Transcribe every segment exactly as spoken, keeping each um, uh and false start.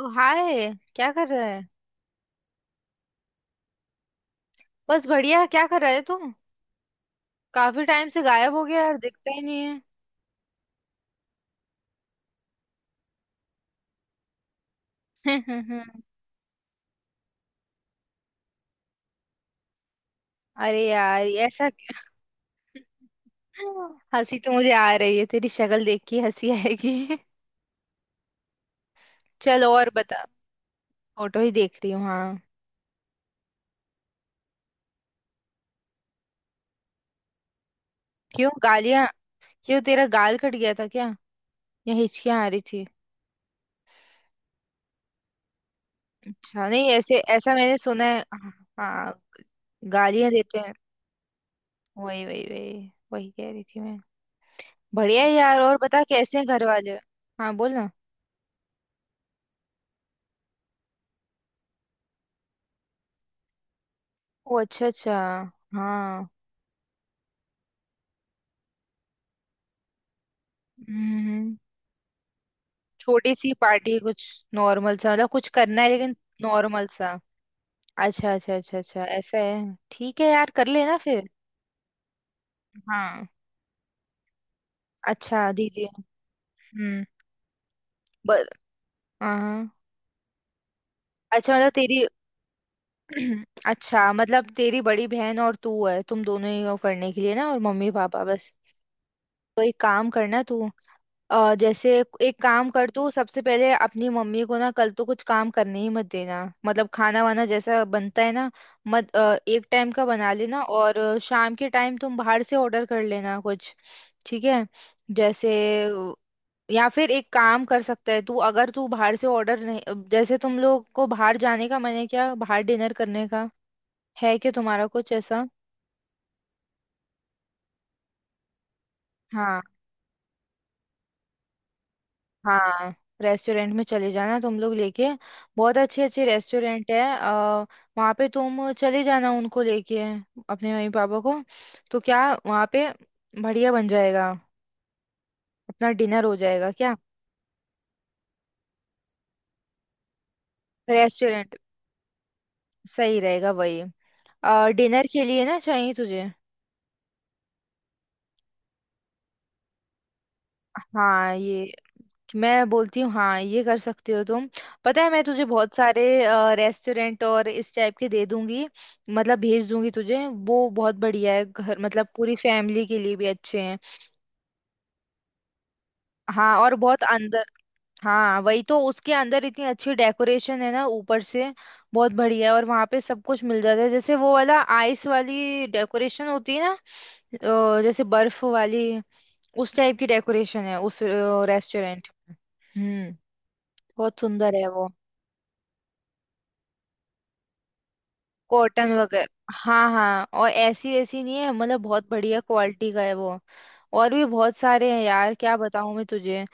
ओ hi क्या कर रहा है। बस बढ़िया क्या कर रहा है तुम। काफी टाइम से गायब हो गया यार दिखता ही नहीं है। अरे यार ऐसा क्या- हंसी तो मुझे आ रही है तेरी शक्ल देख के हंसी आएगी। चल और बता। फोटो ही देख रही हूँ हाँ। क्यों गालियां। क्यों तेरा गाल कट गया था क्या। या हिचकियां आ रही थी। अच्छा नहीं ऐसे ऐसा मैंने सुना है। हाँ। गालियां देते हैं। वही वही वही वही कह रही थी मैं। बढ़िया है यार और बता कैसे हैं घर वाले। हाँ बोल। ओ अच्छा अच्छा। हाँ। हम्म। छोटी सी पार्टी कुछ। नॉर्मल सा मतलब कुछ करना है लेकिन। नॉर्मल सा। अच्छा अच्छा अच्छा अच्छा ऐसा है ठीक है यार कर लेना फिर। हाँ। अच्छा दीदी। हम्म। बर हाँ। अच्छा मतलब तेरी अच्छा मतलब तेरी बड़ी बहन और तू है तुम दोनों ही हो करने के लिए ना और मम्मी पापा बस। तो एक काम करना तू। अ, जैसे। एक काम कर तू सबसे पहले अपनी मम्मी को ना कल तो कुछ काम करने ही मत देना। मतलब खाना वाना जैसा बनता है ना। मत अ, एक टाइम का बना लेना और अ, शाम के टाइम तुम बाहर से ऑर्डर कर लेना कुछ। ठीक है। जैसे। अ, या फिर एक काम कर सकता है तू अगर तू बाहर से ऑर्डर नहीं अ, जैसे तुम लोग को बाहर जाने का मन है क्या बाहर डिनर करने का। है क्या तुम्हारा कुछ ऐसा। हाँ। हाँ रेस्टोरेंट में चले जाना तुम लोग लेके। बहुत अच्छे अच्छे रेस्टोरेंट है आ, वहाँ पे तुम चले जाना उनको लेके। अपने मम्मी पापा को। तो क्या वहाँ पे। बढ़िया बन जाएगा। अपना डिनर हो जाएगा क्या। रेस्टोरेंट सही रहेगा वही। आ, डिनर के लिए ना चाहिए तुझे। हाँ ये। मैं बोलती हूँ हाँ ये कर सकती हो तुम। पता है मैं तुझे बहुत सारे। रेस्टोरेंट और इस टाइप के दे दूंगी। मतलब भेज दूंगी तुझे वो बहुत बढ़िया है घर मतलब पूरी फैमिली के लिए भी अच्छे हैं। हाँ और बहुत अंदर। हाँ वही तो उसके अंदर इतनी अच्छी डेकोरेशन है ना ऊपर से। बहुत बढ़िया है और वहाँ पे सब कुछ मिल जाता है जैसे वो वाला आइस वाली डेकोरेशन होती है ना। अ, जैसे बर्फ वाली। उस टाइप की डेकोरेशन है उस रेस्टोरेंट में। हम्म। बहुत सुंदर है वो। कॉटन वगैरह। हाँ हाँ और ऐसी वैसी नहीं है मतलब बहुत बढ़िया क्वालिटी का है वो। और भी बहुत सारे हैं यार क्या बताऊँ मैं तुझे अ,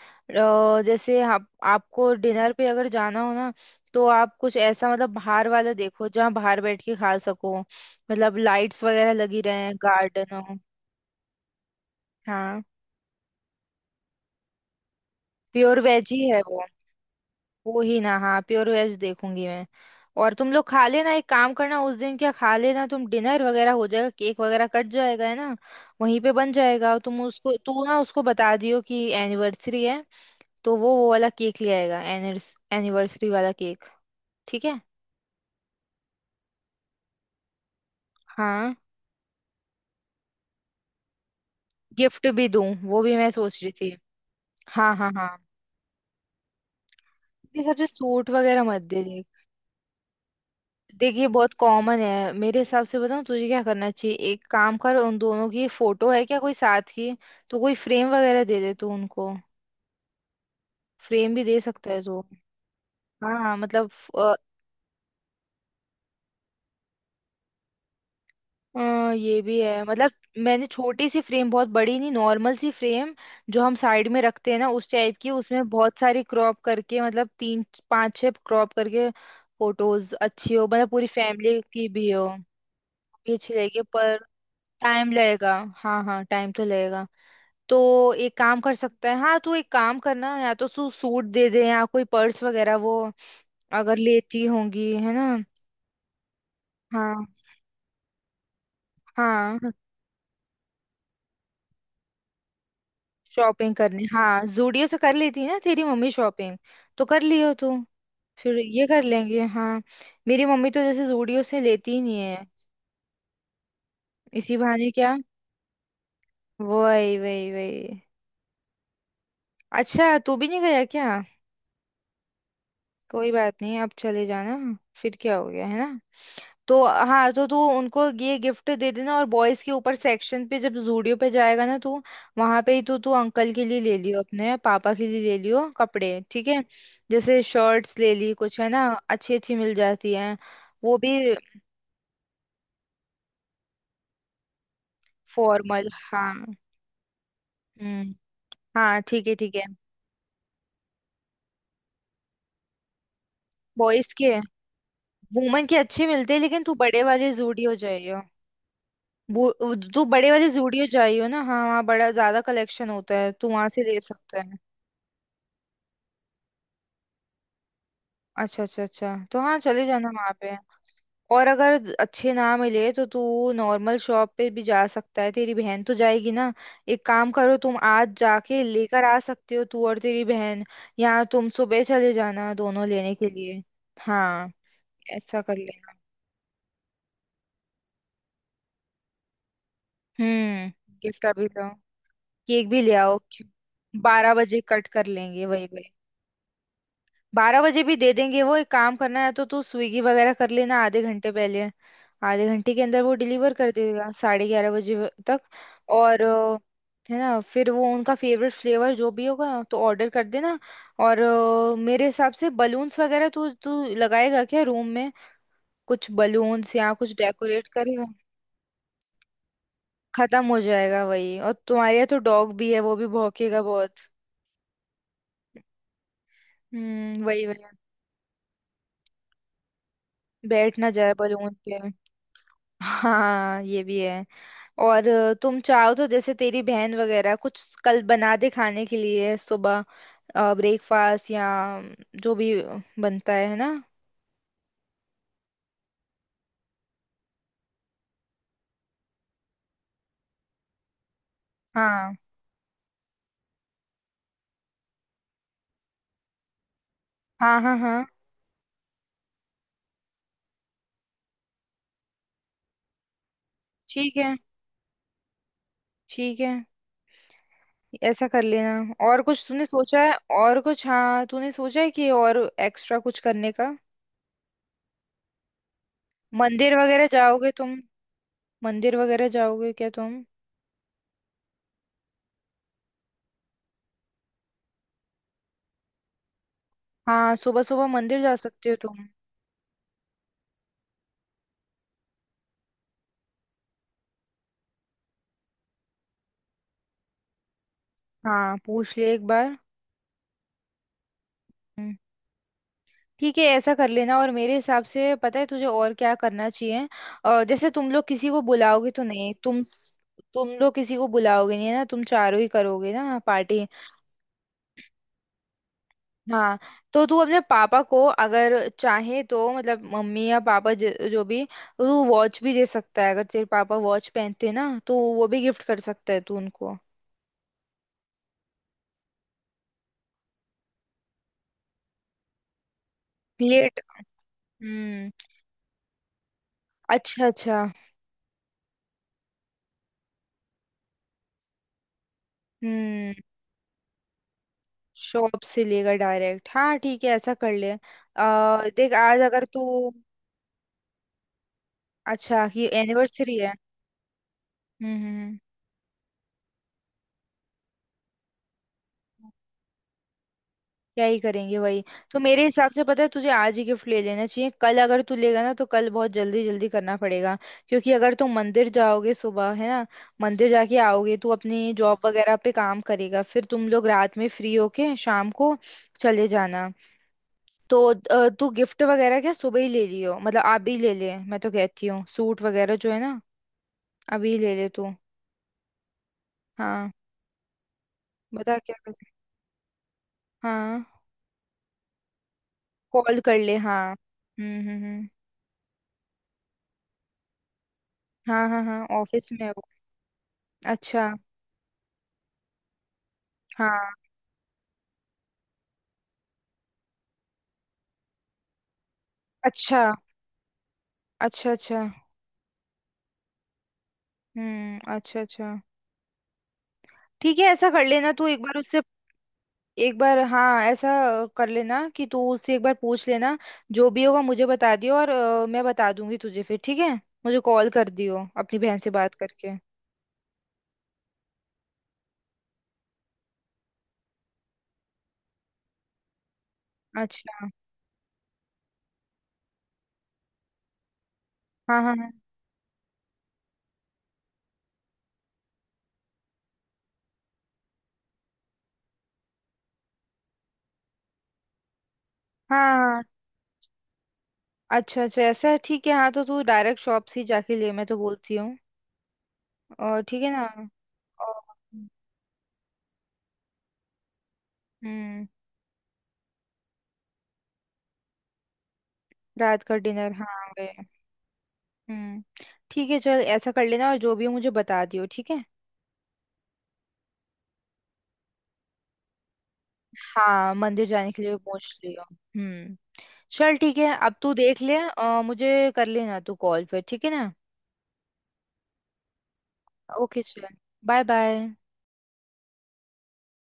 जैसे आप। आपको डिनर पे अगर जाना हो ना। तो आप कुछ ऐसा मतलब बाहर वाला देखो जहाँ बाहर बैठ के खा सको मतलब लाइट्स वगैरह लगी रहे गार्डन हो। हाँ प्योर वेज ही है वो। वो ही ना हाँ प्योर वेज देखूंगी मैं। और तुम लोग खा लेना एक काम करना उस दिन क्या खा लेना तुम डिनर वगैरह हो जाएगा केक वगैरह कट जाएगा है ना। वहीं पे बन जाएगा तुम उसको तू ना उसको बता दियो कि एनिवर्सरी है। तो वो वो वाला केक ले आएगा। एनिवर्सरी वाला केक। ठीक है। हाँ गिफ्ट भी दूं वो भी मैं सोच रही थी। हाँ हाँ हाँ। ये सबसे सूट वगैरह मत दे। देखिए बहुत कॉमन है मेरे हिसाब से बताऊं तुझे क्या करना चाहिए एक काम कर उन दोनों की फोटो है क्या कोई साथ की। तो कोई फ्रेम वगैरह दे दे तू उनको। फ्रेम भी दे सकता है तू। हाँ हाँ, मतलब। अ, अ, ये भी है मतलब। मैंने छोटी सी फ्रेम बहुत बड़ी नहीं नॉर्मल सी फ्रेम। जो हम साइड में रखते हैं ना उस टाइप की उसमें बहुत सारी क्रॉप करके मतलब तीन। पांच छह क्रॉप करके। फोटोज अच्छी हो मतलब पूरी फैमिली की भी हो। भी अच्छी लगेगी पर। टाइम लगेगा हाँ हाँ टाइम तो लगेगा। तो एक काम कर सकता है हाँ तू एक काम करना या तो तू सूट दे दे या कोई पर्स वगैरह वो। अगर लेती होंगी है ना। हाँ। हाँ शॉपिंग करनी हाँ जूडियो से कर लेती है ना तेरी मम्मी शॉपिंग। तो कर लियो तू। फिर ये कर लेंगे हाँ। मेरी मम्मी तो जैसे जूडियो से लेती ही नहीं है। इसी बहाने क्या। वही वही वही। अच्छा तू भी नहीं गया क्या। कोई बात नहीं अब चले जाना। फिर क्या हो गया है ना। तो हाँ तो तू उनको ये गिफ्ट दे देना और बॉयज के ऊपर सेक्शन पे जब जूडियो पे जाएगा ना तू। वहां पे ही तू तू अंकल के लिए ले लियो अपने पापा के लिए ले लियो कपड़े ठीक है। जैसे शर्ट्स ले ली कुछ है ना। अच्छी अच्छी मिल जाती है। वो भी। फॉर्मल हाँ। हम्म। हाँ ठीक है ठीक है। बॉयज के। वुमन के अच्छे मिलते हैं लेकिन तू बड़े वाले जूडियो जाइयो। वो- तू बड़े वाले जूडियो जाइयो ना हाँ वहाँ बड़ा ज्यादा कलेक्शन होता है तू वहां से ले सकता है। अच्छा अच्छा अच्छा तो हाँ चले जाना वहां पे। और अगर अच्छे ना मिले तो तू। नॉर्मल शॉप पे भी जा सकता है तेरी बहन तो जाएगी ना। एक काम करो तुम आज जाके लेकर आ सकते हो तू और तेरी बहन। या तुम सुबह चले जाना दोनों लेने के लिए। हाँ। ऐसा कर लेना। हम्म। गिफ्ट अभी लो। केक भी ले आओ। बारह बजे कट कर लेंगे वही वही। बारह बजे भी दे देंगे वो एक काम करना है तो तू स्विगी वगैरह कर लेना आधे घंटे पहले। आधे घंटे के अंदर वो डिलीवर कर देगा साढ़े ग्यारह बजे व- तक। और अ, है ना फिर वो उनका फेवरेट फ्लेवर जो भी होगा तो ऑर्डर कर देना। और अ, मेरे हिसाब से बलून्स वगैरह तू तू लगाएगा क्या रूम में। कुछ बलून्स या कुछ डेकोरेट करेगा। खत्म हो जाएगा वही और तुम्हारे यहाँ तो डॉग भी है वो भी भौंकेगा बहुत। हम्म वही वही। बैठ ना जाए बलून पे। हाँ ये भी है। और अ, तुम चाहो तो जैसे तेरी बहन वगैरह कुछ कल बना दे खाने के लिए सुबह। ब्रेकफास्ट या। जो भी। बनता है है ना। हाँ हाँ हाँ। हाँ ठीक है ठीक है ऐसा कर लेना और कुछ तूने सोचा है और कुछ हाँ तूने सोचा है कि और एक्स्ट्रा कुछ करने का। मंदिर वगैरह जाओगे तुम। मंदिर वगैरह जाओगे क्या तुम। हाँ सुबह सुबह मंदिर जा सकते हो तुम। हाँ पूछ ले एक बार। हम्म। ठीक है ऐसा कर लेना और मेरे हिसाब से पता है तुझे और क्या करना चाहिए। अ, जैसे तुम लोग किसी को बुलाओगे तो नहीं तुम। तुम लोग किसी को बुलाओगे नहीं है ना तुम चारों ही करोगे ना पार्टी। हाँ तो तू अपने पापा को अगर। चाहे तो मतलब मम्मी या पापा ज, जो भी तो तू वॉच भी दे सकता है अगर तेरे पापा वॉच पहनते हैं ना तो वो भी गिफ्ट कर सकता है तू उनको। प्लेट। हम्म। अच्छा अच्छा। हम्म। शॉप से लेकर डायरेक्ट हाँ ठीक है ऐसा कर ले। आ, देख आज अगर तू। अच्छा ये एनिवर्सरी है। हम्म हम्म हम्म। क्या ही करेंगे वही। तो मेरे हिसाब से पता है तुझे आज ही गिफ्ट ले लेना चाहिए कल अगर तू लेगा ना तो कल बहुत जल्दी जल्दी करना पड़ेगा। क्योंकि अगर तू मंदिर जाओगे सुबह है ना। मंदिर जाके आओगे तू अपनी जॉब वगैरह पे काम करेगा फिर तुम लोग रात में फ्री होके शाम को। चले जाना। तो अ, तू गिफ्ट वगैरह क्या सुबह ही ले लियो मतलब आप भी ले ले मैं तो कहती हूँ सूट वगैरह जो है ना। अभी ले ले तू। हाँ। बता क्या कर। हाँ। कॉल कर ले हाँ। हम्म हम्म हम्म। हाँ हाँ हाँ ऑफिस में है वो। अच्छा। हाँ। अच्छा अच्छा अच्छा। हम्म अच्छा अच्छा। ठीक है ऐसा कर लेना तू एक बार उससे। एक बार हाँ ऐसा। कर लेना कि तू उससे एक बार पूछ लेना। जो भी होगा मुझे बता दियो और अ, मैं बता दूंगी तुझे फिर ठीक है। मुझे कॉल कर दियो अपनी बहन से बात करके। अच्छा। हाँ हाँ हाँ। हाँ हाँ। अच्छा अच्छा ऐसा है ठीक है हाँ तो तू डायरेक्ट शॉप से ही जाके ले मैं तो बोलती हूँ। और ठीक है ना। और। हम्म। रात का डिनर हाँ वे। हम्म। ठीक है चल ऐसा कर लेना और जो भी हो मुझे बता दियो ठीक है। हाँ मंदिर जाने के लिए पूछ लियो हम्म। चल ठीक है अब तू देख ले अ, मुझे कर लेना तू कॉल पे ठीक है ना। ओके चल बाय बाय।